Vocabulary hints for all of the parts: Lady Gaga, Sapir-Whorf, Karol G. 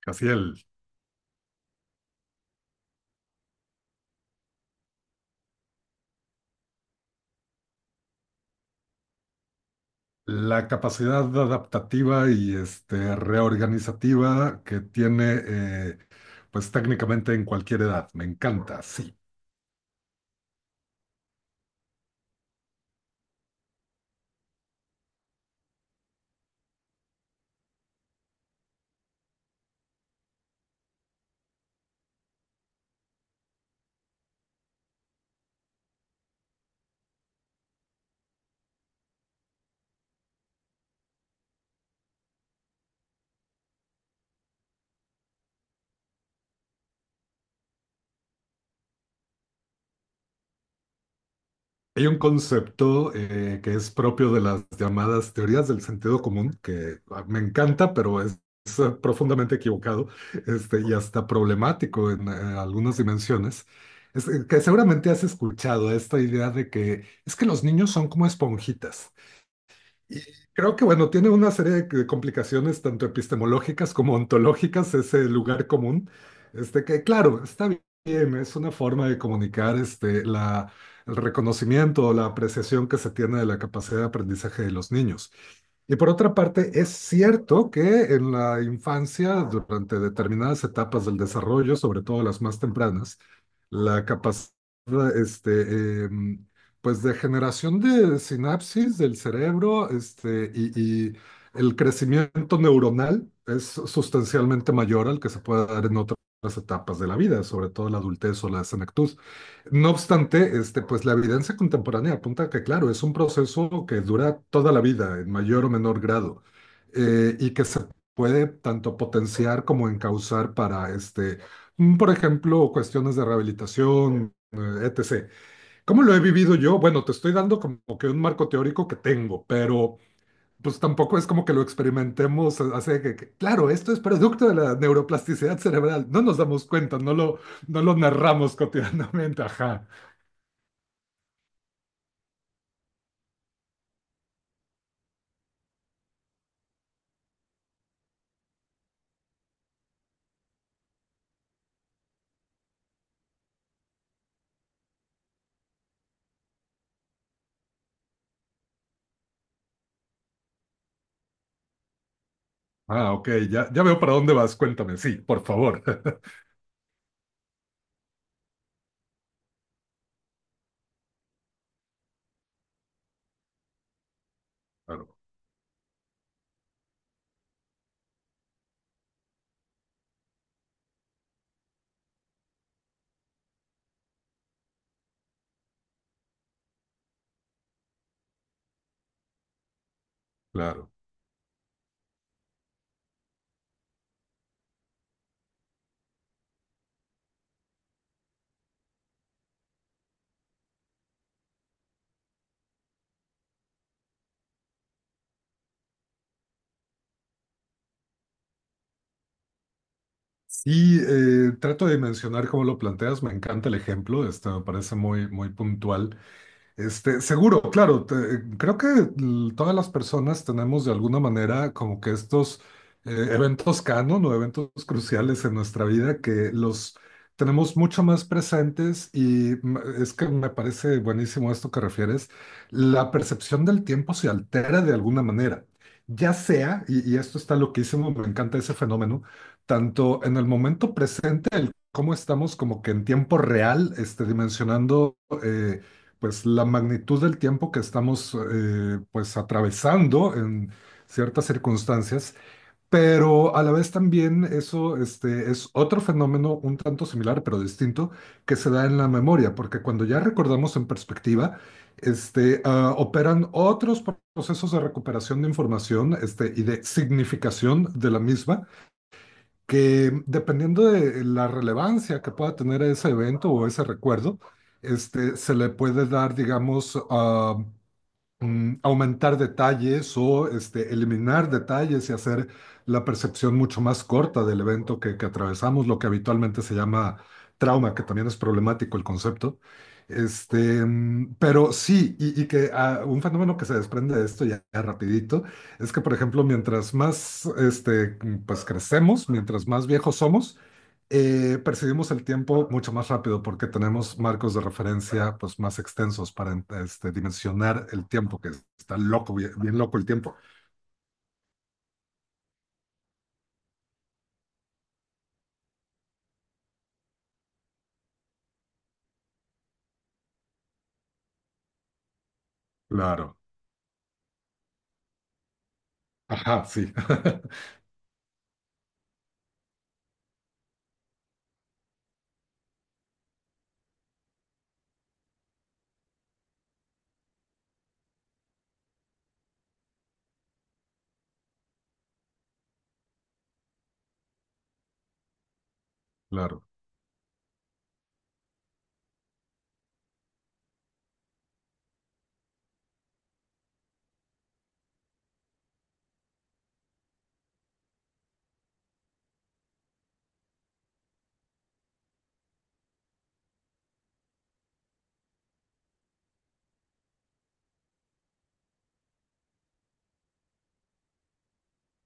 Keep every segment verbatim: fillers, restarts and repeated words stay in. Casiel, la capacidad adaptativa y este, reorganizativa que tiene, eh, pues técnicamente en cualquier edad. Me encanta, sí. Hay un concepto eh, que es propio de las llamadas teorías del sentido común, que ah, me encanta, pero es, es, eh, profundamente equivocado este, y hasta problemático en eh, algunas dimensiones. Es, eh, que seguramente has escuchado esta idea de que es que los niños son como esponjitas. Y creo que, bueno, tiene una serie de de complicaciones tanto epistemológicas como ontológicas, ese lugar común, este que, claro, está bien, es una forma de comunicar este, la, el reconocimiento o la apreciación que se tiene de la capacidad de aprendizaje de los niños. Y por otra parte, es cierto que en la infancia, durante determinadas etapas del desarrollo, sobre todo las más tempranas, la capacidad este, em, pues de generación de sinapsis del cerebro, este, y, y el crecimiento neuronal es sustancialmente mayor al que se puede dar en otras etapas de la vida, sobre todo la adultez o la senectud. No obstante, este, pues la evidencia contemporánea apunta a que, claro, es un proceso que dura toda la vida, en mayor o menor grado, eh, y que se puede tanto potenciar como encauzar para, este, mm, por ejemplo, cuestiones de rehabilitación, eh, etcétera ¿Cómo lo he vivido yo? Bueno, te estoy dando como que un marco teórico que tengo, pero pues tampoco es como que lo experimentemos, así que, que- claro, esto es producto de la neuroplasticidad cerebral, no nos damos cuenta, no lo, no lo narramos cotidianamente, ajá. Ah, ok, ya, ya veo para dónde vas, cuéntame, sí, por favor. Claro, claro. Sí, eh, trato de mencionar cómo lo planteas, me encanta el ejemplo, este, me parece muy, muy puntual. Este, seguro, claro, te- creo que l- todas las personas tenemos de alguna manera como que estos eh, eventos canon o eventos cruciales en nuestra vida que los tenemos mucho más presentes y m- es que me parece buenísimo esto que refieres, la percepción del tiempo se altera de alguna manera, ya sea, y, y esto está loquísimo, me encanta ese fenómeno, tanto en el momento presente, el cómo estamos como que en tiempo real, este, dimensionando. Eh, pues la magnitud del tiempo que estamos eh, pues atravesando en ciertas circunstancias, pero a la vez también eso este, es otro fenómeno un tanto similar pero distinto que se da en la memoria, porque cuando ya recordamos en perspectiva, este, ah, operan otros procesos de recuperación de información este, y de significación de la misma que dependiendo de la relevancia que pueda tener ese evento o ese recuerdo, este, se le puede dar, digamos, ah, mm, aumentar detalles o este, eliminar detalles y hacer la percepción mucho más corta del evento que, que atravesamos, lo que habitualmente se llama trauma, que también es problemático el concepto. Este, mm, pero sí, y, y que ah, un fenómeno que se desprende de esto ya, ya rapidito es que, por ejemplo, mientras más este, mm, pues, crecemos, mientras más viejos somos, eh, percibimos el tiempo mucho más rápido porque tenemos marcos de referencia pues, más extensos para este, dimensionar el tiempo, que está loco, bien, bien loco el tiempo. Claro. Ajá, sí. Claro.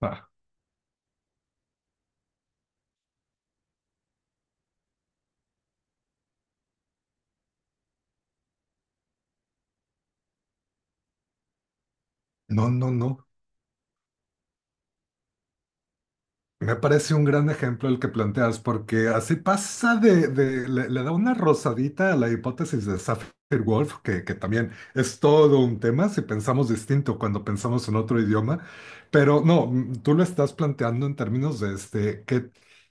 Ah, No, no, no. Me parece un gran ejemplo el que planteas, porque así pasa de, de- le, le da una rosadita a la hipótesis de Sapir-Whorf, que, que también es todo un tema si pensamos distinto cuando pensamos en otro idioma, pero no, mm, tú lo estás planteando en términos de este, que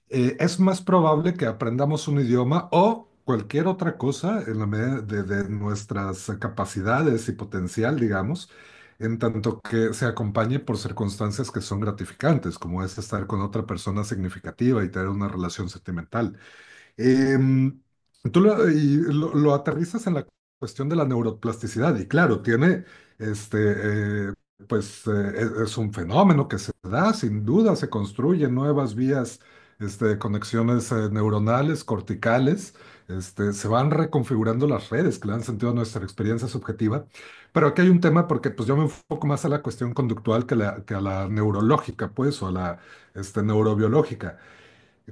eh, es más probable que aprendamos un idioma o cualquier otra cosa en la medida de, de nuestras capacidades y potencial, digamos en tanto que se acompañe por circunstancias que son gratificantes, como es estar con otra persona significativa y tener una relación sentimental. Em, tú lo, y lo- lo aterrizas en la cuestión de la neuroplasticidad y claro, tiene, este, eh, pues eh, es, es un fenómeno que se da, sin duda, se construyen nuevas vías, este, conexiones eh, neuronales, corticales, este, se van reconfigurando las redes que le dan sentido a nuestra experiencia subjetiva, pero aquí hay un tema porque pues yo me enfoco más a la cuestión conductual que, la- que a la neurológica, pues, o a la, este, neurobiológica.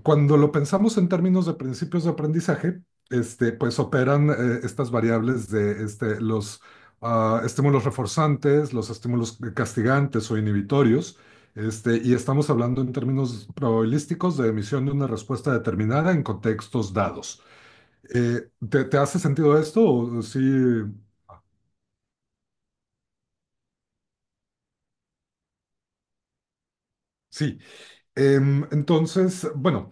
Cuando lo pensamos en términos de principios de aprendizaje, este, pues operan eh, estas variables de este, los ah, estímulos reforzantes, los estímulos castigantes o inhibitorios, este, y estamos hablando en términos probabilísticos de emisión de una respuesta determinada en contextos dados. Eh, ¿te, te hace sentido esto? O sí, sí. Em, entonces, bueno,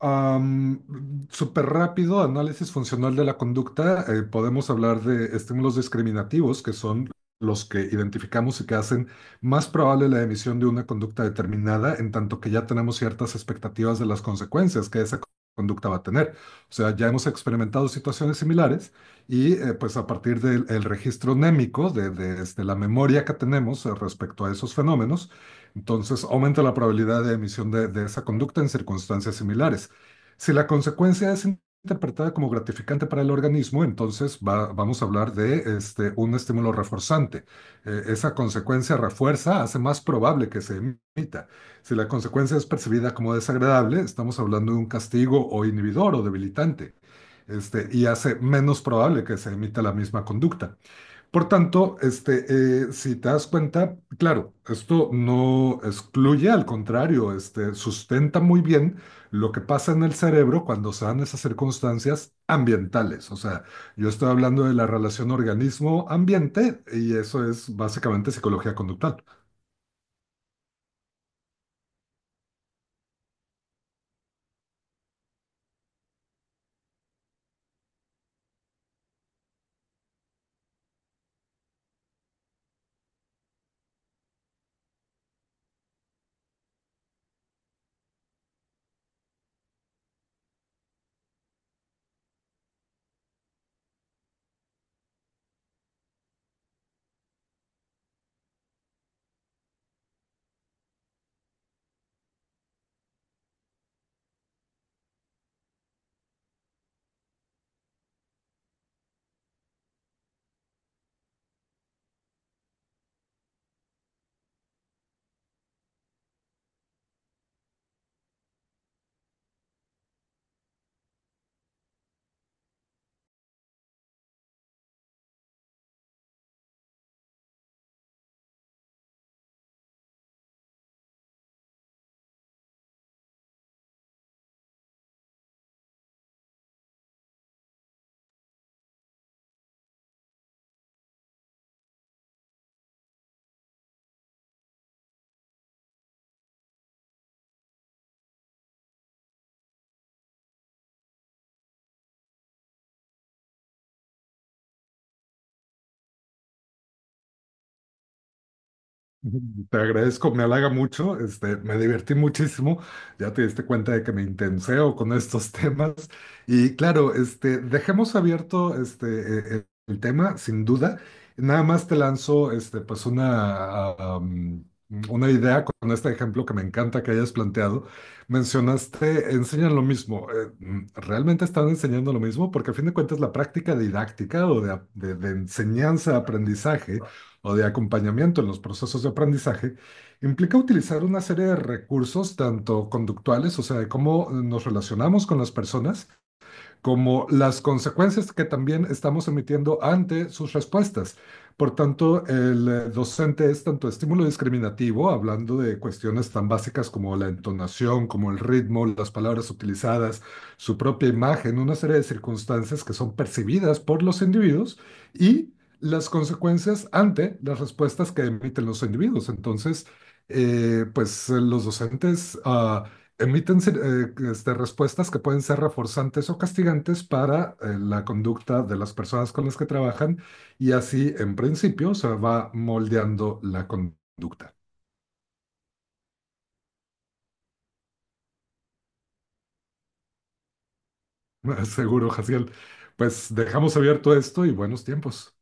Am, súper rápido, análisis funcional de la conducta. Eh, podemos hablar de estímulos discriminativos, que son los que identificamos y que hacen más probable la emisión de una conducta determinada, en tanto que ya tenemos ciertas expectativas de las consecuencias que esa conducta va a tener. O sea, ya hemos experimentado situaciones similares y eh, pues a partir del el registro némico, de, de, este, la memoria que tenemos eh, respecto a esos fenómenos, entonces aumenta la probabilidad de emisión de de esa conducta en circunstancias similares. Si la consecuencia es interpretada como gratificante para el organismo, entonces va- vamos a hablar de este, un estímulo reforzante. Eh, esa consecuencia refuerza, hace más probable que se emita. Si la consecuencia es percibida como desagradable, estamos hablando de un castigo o inhibidor o debilitante, este, y hace menos probable que se emita la misma conducta. Por tanto, este, eh, si te das cuenta, claro, esto no excluye, al contrario, este, sustenta muy bien lo que pasa en el cerebro cuando se dan esas circunstancias ambientales. O sea, yo estoy hablando de la relación organismo-ambiente y eso es básicamente psicología conductual. Te agradezco, me halaga mucho, este, me divertí muchísimo, ya te diste cuenta de que me intenseo con estos temas y claro, este, dejemos abierto este, eh, eh, el tema, sin duda, nada más te lanzo este, pues una, ah, um, una idea con este ejemplo que me encanta que hayas planteado. Mencionaste, enseñan lo mismo. Eh, mm, ¿realmente están enseñando lo mismo? Porque a fin de cuentas la práctica didáctica o de, de de enseñanza, aprendizaje o de acompañamiento en los procesos de aprendizaje, implica utilizar una serie de recursos, tanto conductuales, o sea, de cómo nos relacionamos con las personas, como las consecuencias que también estamos emitiendo ante sus respuestas. Por tanto, el eh, docente es tanto estímulo discriminativo, hablando de cuestiones tan básicas como la entonación, como el ritmo, las palabras utilizadas, su propia imagen, una serie de circunstancias que son percibidas por los individuos y las consecuencias ante las respuestas que emiten los individuos. Entonces, eh, pues los docentes uh, emiten eh, este, respuestas que pueden ser reforzantes o castigantes para eh, la conducta de las personas con las que trabajan y así, en principio, se va moldeando la conducta. Seguro, Jaciel. Pues dejamos abierto esto y buenos tiempos.